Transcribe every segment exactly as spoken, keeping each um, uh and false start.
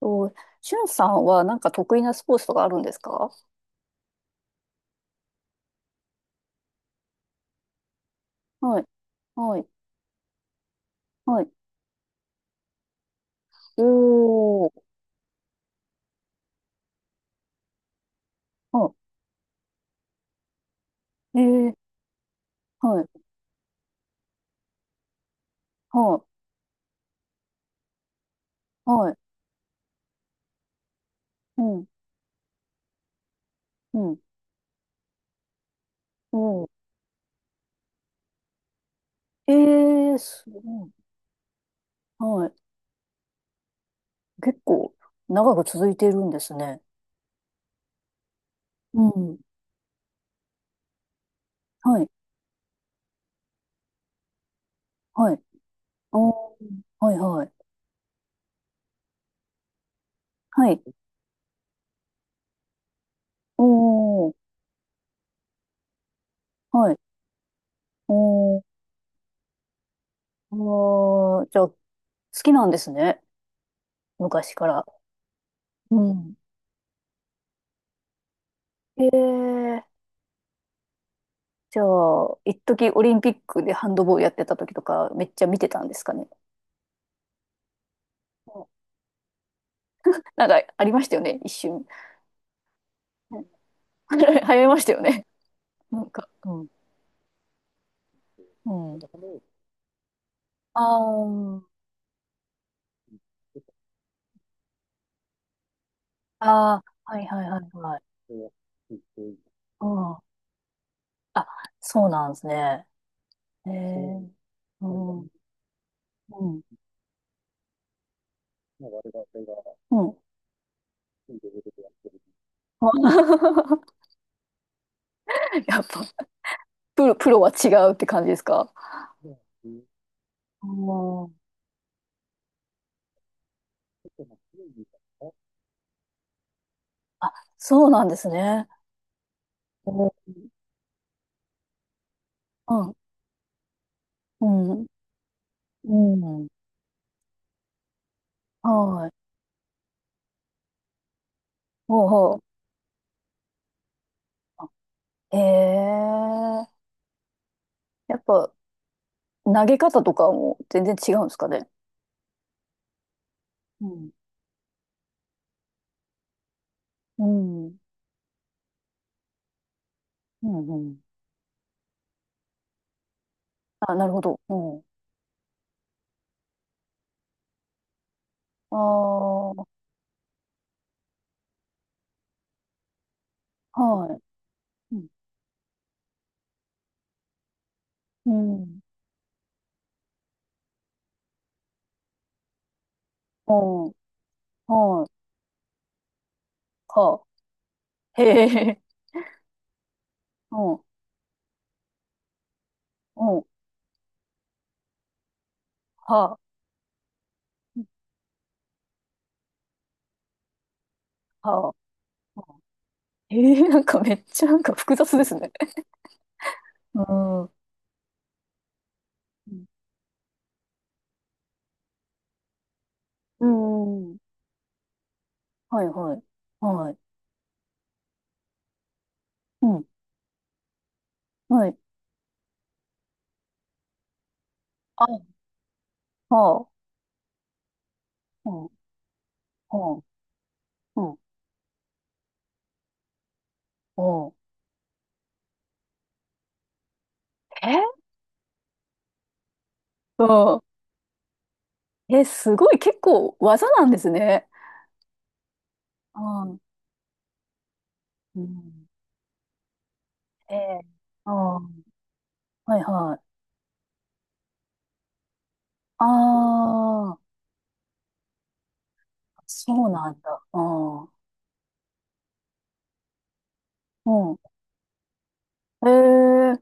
と、しゅんさんはなんか得意なスポーツとかあるんですか？はい、はい、はい。おー、はい、えー、はい、はい、はい、うん、うん、うん。えー、すごい。はい。結構長く続いているんですね。うん、はい、はい、おー、はい、はい、はい、おー、はい、おー、あー、じゃあ、好きなんですね。昔から。うん。えー、じゃあ、一時オリンピックでハンドボールやってた時とか、めっちゃ見てたんですかね。うん、なんか、ありましたよね、一瞬。うん。 流行りましたよね。なんか、うん。うん。あー、あー、はいはいはいはい。うん。あ、そうなんですね。へえ、うん、うん、うん。やっぱ、プロ、プロは違うって感じですか？うん。あ、そうなんですね。うん、うん、うん。はい。ほうほう。あ、ええ、やっぱ投げ方とかも全然違うんですかね。うん。うん。うん。うん、あ、なるほど。うん。ああ、はい。うん、うん。うん。はい。はあ。へえ。うん。うん。はあ。はあ。ええ、なんかめっちゃなんか複雑ですね。うん。うん。うん、はいはい。はい。うん。はい。あ、はあ。うん。はあ。うん。うん。え、うん。え、すごい、結構技なんですね。あー、うん。ええ。ああ、はいはい。ああ、そうなんだ。ああ、うん。ええ。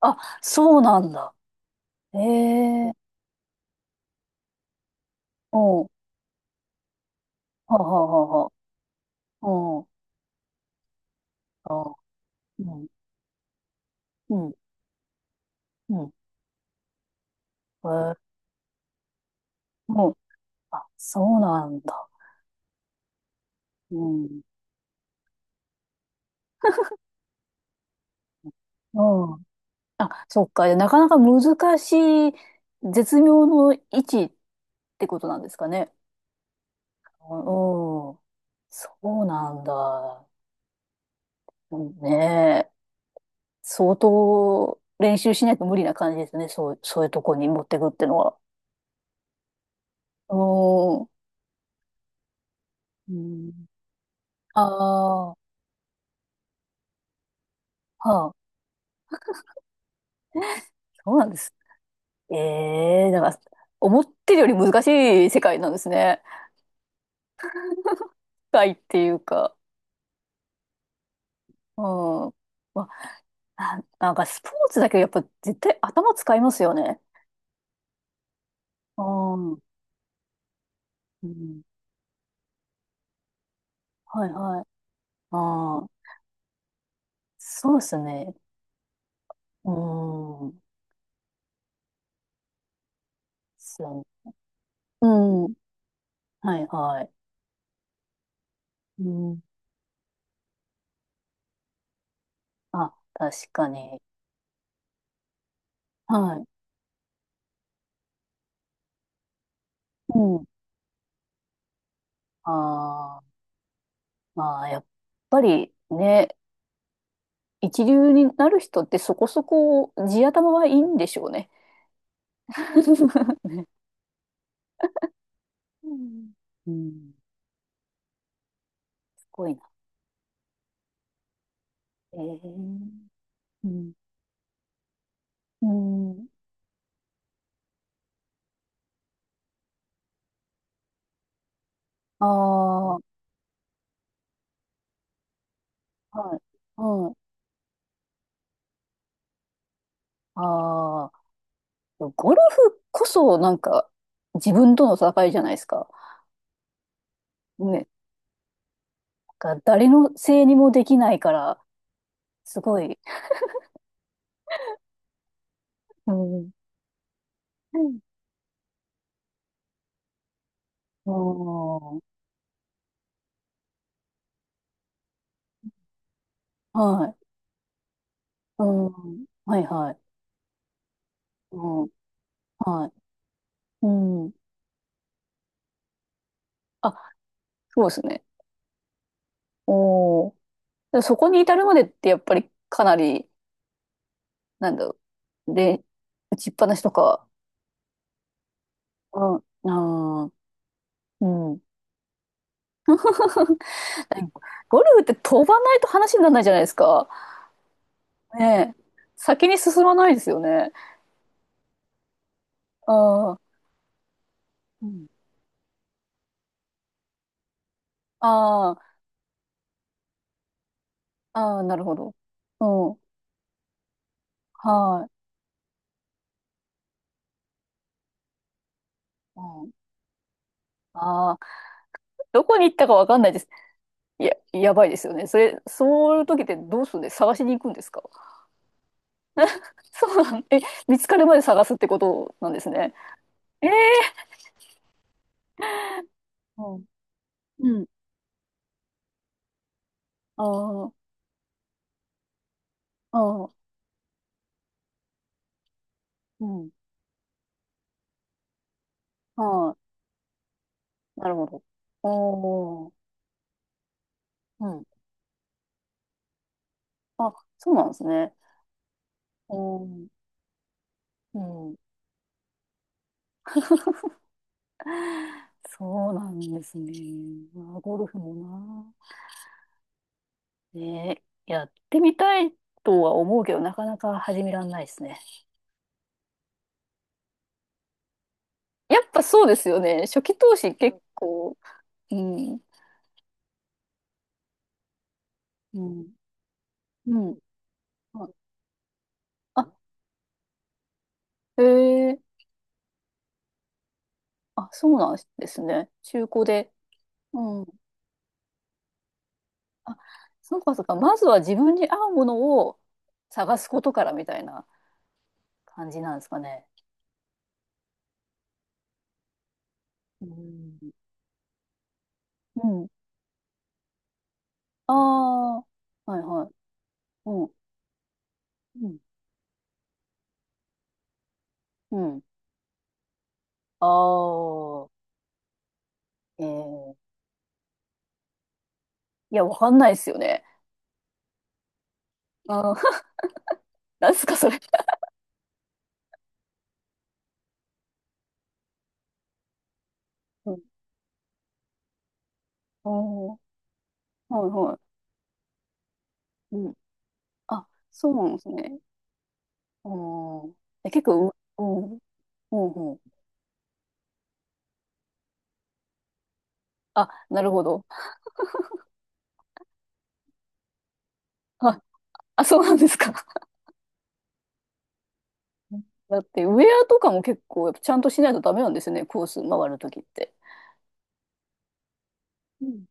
あ、そうなんだ。ええ。うん。はあはあはあはあ。うん。ああ、うん。うん。うん、ええ。うん。あ、そうなんだ。うん。うん。あ、そっか。なかなか難しい、絶妙の位置ってことなんですかね。うん。そうなんだ。ねえ。相当練習しないと無理な感じですね。そう、そういうとこに持ってくってのは。うーん。うん、ああ、はあ。そうなんです。ええ、だから、思ってるより難しい世界なんですね。世いっていうか。うん。まあ、な、なんかスポーツだけどやっぱ絶対頭使いますよね。うん。うん。はいはい。ああ、そうですね。うん。ですよ、うん。はいはい。うん。あ、確かに。はい。うん。ああ、まあ、やっぱりね、一流になる人ってそこそこ地頭はいいんでしょうね。ね、うん。うん、すごいな。えー。うん。うん。ああ、はい。はい。ああ、ゴルフこそなんか自分との戦いじゃないですか。ね。なんか誰のせいにもできないから、すごい。うん。うん。はい。うん。はいはい。うん。はい。うん。あ、そうですね。おー。で、そこに至るまでってやっぱりかなり、なんだろう。で、打ちっぱなしとか。うん。あー、うん。ゴルフって飛ばないと話にならないじゃないですか。ねえ。先に進まないですよね。ああ、うん。ああ、ああ、なるほど。うん。はい。うん。ああ、どこに行ったかわかんないです。いや、やばいですよね。それ、そういう時ってどうするんです、探しに行くんですか？ そうなん、え、見つかるまで探すってことなんですね。えー、うん。うん。ああ、ああ、うん。ああ。なるほど。おー、うん。あ、そうなんですね。おー、うん。そうなんですね。まあ、ゴルフもな。ねえ、やってみたいとは思うけど、なかなか始めらんないですね。やっぱそうですよね。初期投資結構、うん、うん。うん。あ、へえ、あ、そうなんですね。中古で。うん。あ、そうかそうか。まずは自分に合うものを探すことからみたいな感じなんですかね。うん。うん。ああ、はいはい。うん。うん。うん。ああ、ええ、いや、わかんないですよね。あー、なんすか、それ。うん。ああ、はいはい。うん。あ、そうなんですね。うん。え、結構、う、うん、うん、うん。あ、なるほど。あ、あ、そうなんですか。だって、ウェアとかも結構、やっぱちゃんとしないとダメなんですよね、コース回るときって。うん。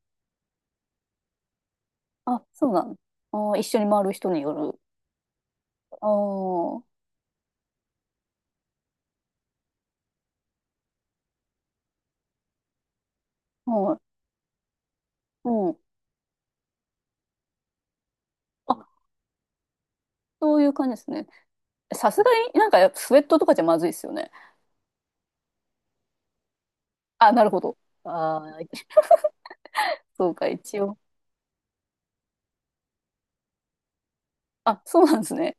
あ、そうなん。あー、一緒に回る人による。ああ、はい。うん。あ、そういう感じですね。さすがになんかやっぱスウェットとかじゃまずいですよね。あ、なるほど。ああ、そうか、一応。あ、そうなんですね。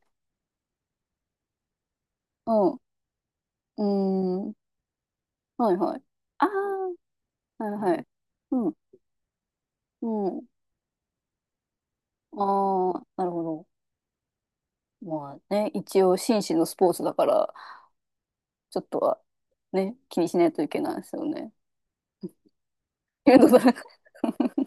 うん。うーん。はいはい。ああ、はいはい。うん。うん。ああ、なるほど。まあね、一応紳士のスポーツだから、ちょっとはね、気にしないといけないですよね。けどなん。